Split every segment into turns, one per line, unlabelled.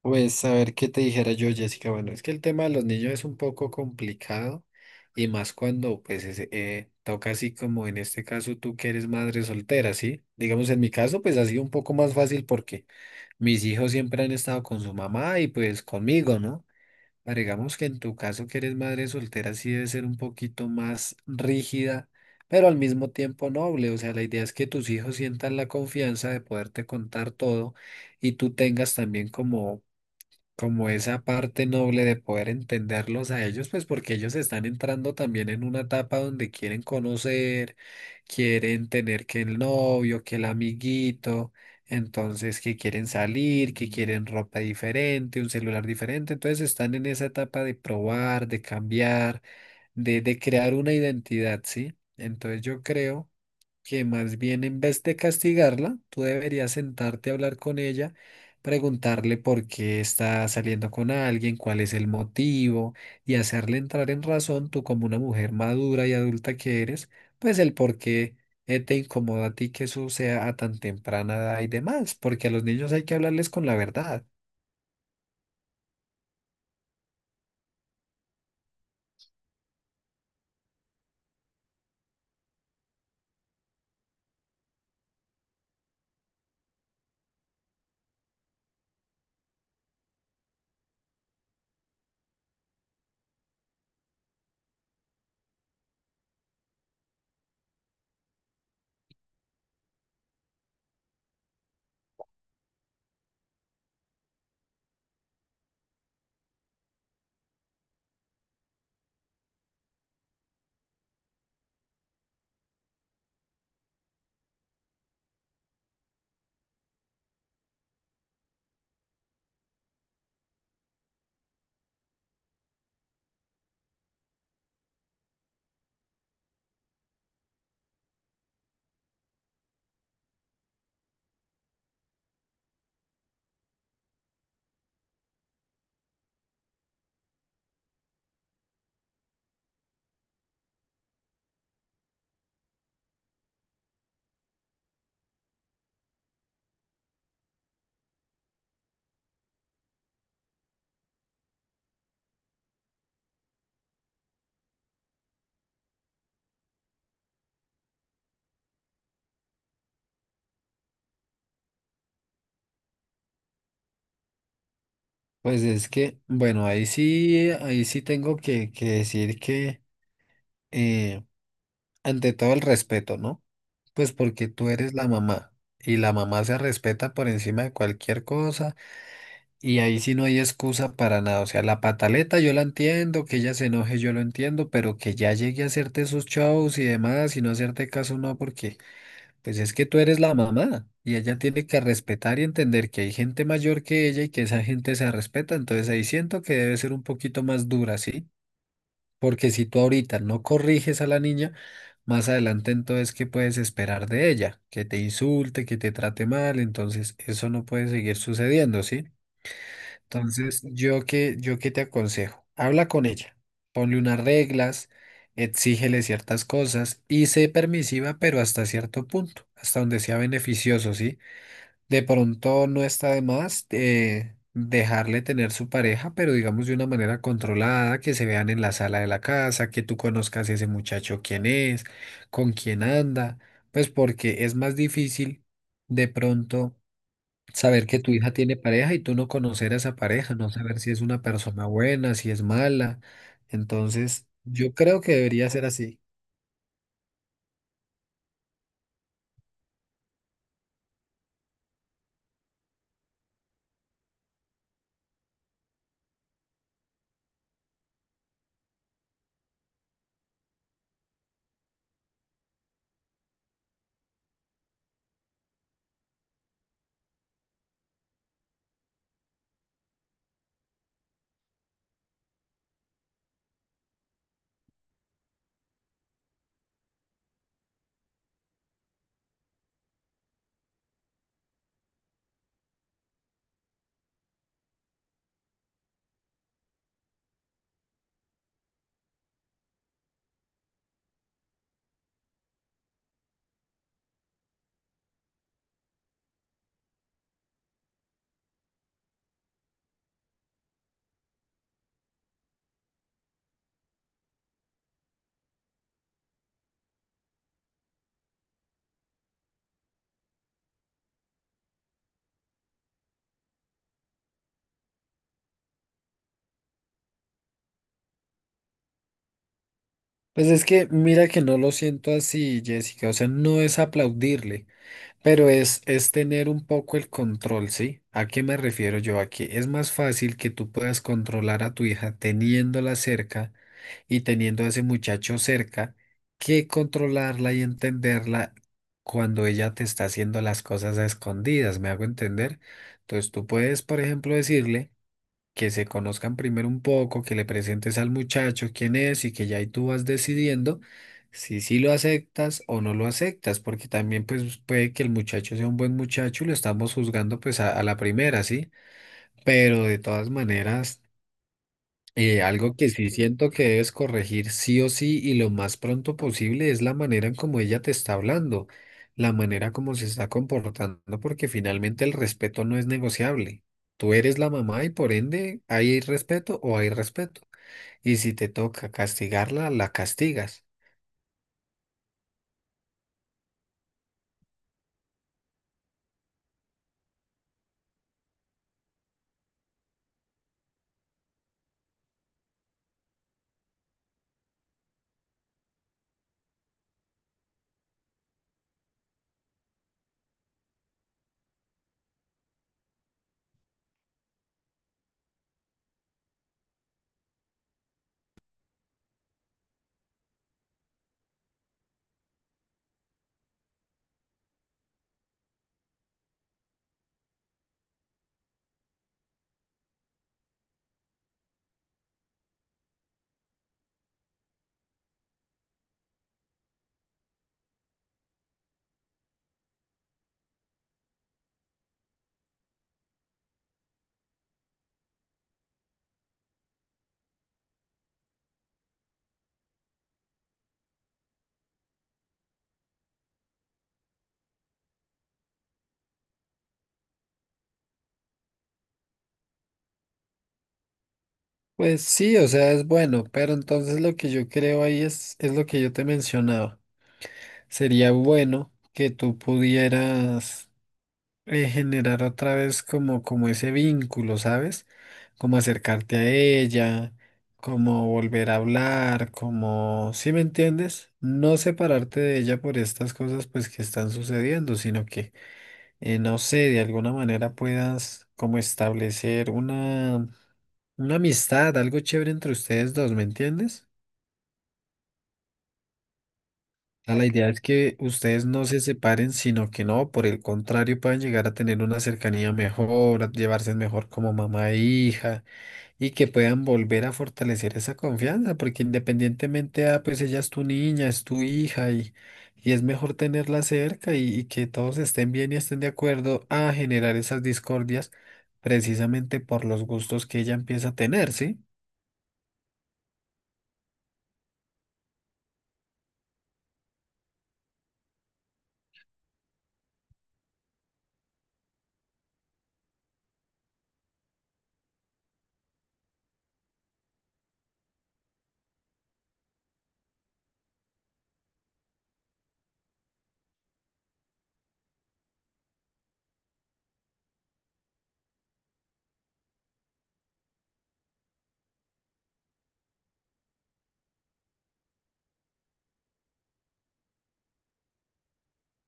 Pues a ver qué te dijera yo, Jessica. Bueno, es que el tema de los niños es un poco complicado y más cuando pues toca así como en este caso tú que eres madre soltera, ¿sí? Digamos en mi caso pues ha sido un poco más fácil porque mis hijos siempre han estado con su mamá y pues conmigo, ¿no? Pero digamos que en tu caso que eres madre soltera sí debe ser un poquito más rígida, pero al mismo tiempo noble. O sea, la idea es que tus hijos sientan la confianza de poderte contar todo y tú tengas también como esa parte noble de poder entenderlos a ellos, pues porque ellos están entrando también en una etapa donde quieren conocer, quieren tener que el novio, que el amiguito, entonces que quieren salir, que quieren ropa diferente, un celular diferente, entonces están en esa etapa de probar, de cambiar de crear una identidad, ¿sí? Entonces yo creo que más bien en vez de castigarla, tú deberías sentarte a hablar con ella, preguntarle por qué está saliendo con alguien, cuál es el motivo y hacerle entrar en razón, tú como una mujer madura y adulta que eres, pues el por qué te incomoda a ti que eso sea a tan temprana edad y demás, porque a los niños hay que hablarles con la verdad. Pues es que, bueno, ahí sí tengo que decir que, eh, ante todo el respeto, ¿no? Pues porque tú eres la mamá y la mamá se respeta por encima de cualquier cosa y ahí sí no hay excusa para nada. O sea, la pataleta yo la entiendo, que ella se enoje yo lo entiendo, pero que ya llegue a hacerte sus shows y demás y no hacerte caso no, porque pues es que tú eres la mamá y ella tiene que respetar y entender que hay gente mayor que ella y que esa gente se respeta. Entonces ahí siento que debe ser un poquito más dura, ¿sí? Porque si tú ahorita no corriges a la niña, más adelante entonces, ¿qué puedes esperar de ella? Que te insulte, que te trate mal, entonces eso no puede seguir sucediendo, ¿sí? Entonces, yo qué te aconsejo, habla con ella, ponle unas reglas, exígele ciertas cosas y sé permisiva, pero hasta cierto punto, hasta donde sea beneficioso, ¿sí? De pronto no está de más dejarle tener su pareja, pero digamos de una manera controlada, que se vean en la sala de la casa, que tú conozcas ese muchacho quién es, con quién anda, pues porque es más difícil de pronto saber que tu hija tiene pareja y tú no conocer a esa pareja, no saber si es una persona buena, si es mala. Entonces, yo creo que debería ser así. Pues es que mira que no lo siento así, Jessica, o sea, no es aplaudirle. Pero es tener un poco el control, ¿sí? ¿A qué me refiero yo aquí? Es más fácil que tú puedas controlar a tu hija teniéndola cerca y teniendo a ese muchacho cerca que controlarla y entenderla cuando ella te está haciendo las cosas a escondidas, ¿me hago entender? Entonces tú puedes, por ejemplo, decirle que se conozcan primero un poco, que le presentes al muchacho quién es y que ya ahí tú vas decidiendo si sí lo aceptas o no lo aceptas, porque también pues puede que el muchacho sea un buen muchacho y lo estamos juzgando pues a la primera, ¿sí? Pero de todas maneras... algo que sí siento que debes corregir sí o sí y lo más pronto posible es la manera en cómo ella te está hablando, la manera como se está comportando, porque finalmente el respeto no es negociable. Tú eres la mamá y por ende hay respeto o hay respeto. Y si te toca castigarla, la castigas. Pues sí, o sea, es bueno, pero entonces lo que yo creo ahí es lo que yo te mencionaba. Sería bueno que tú pudieras generar otra vez como ese vínculo, ¿sabes? Como acercarte a ella, como volver a hablar, como, ¿sí me entiendes? No separarte de ella por estas cosas pues que están sucediendo, sino que, no sé, de alguna manera puedas como establecer una amistad, algo chévere entre ustedes dos, ¿me entiendes? Sea, la idea es que ustedes no se separen, sino que no, por el contrario, puedan llegar a tener una cercanía mejor, a llevarse mejor como mamá e hija, y que puedan volver a fortalecer esa confianza, porque independientemente, ah, pues ella es tu niña, es tu hija, y es mejor tenerla cerca y que todos estén bien y estén de acuerdo a generar esas discordias precisamente por los gustos que ella empieza a tener, ¿sí?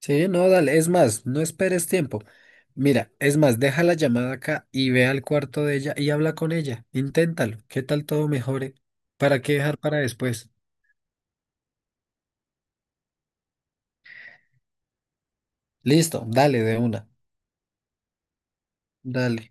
Sí, no, dale. Es más, no esperes tiempo. Mira, es más, deja la llamada acá y ve al cuarto de ella y habla con ella. Inténtalo. ¿Qué tal todo mejore? ¿Para qué dejar para después? Listo, dale de una. Dale.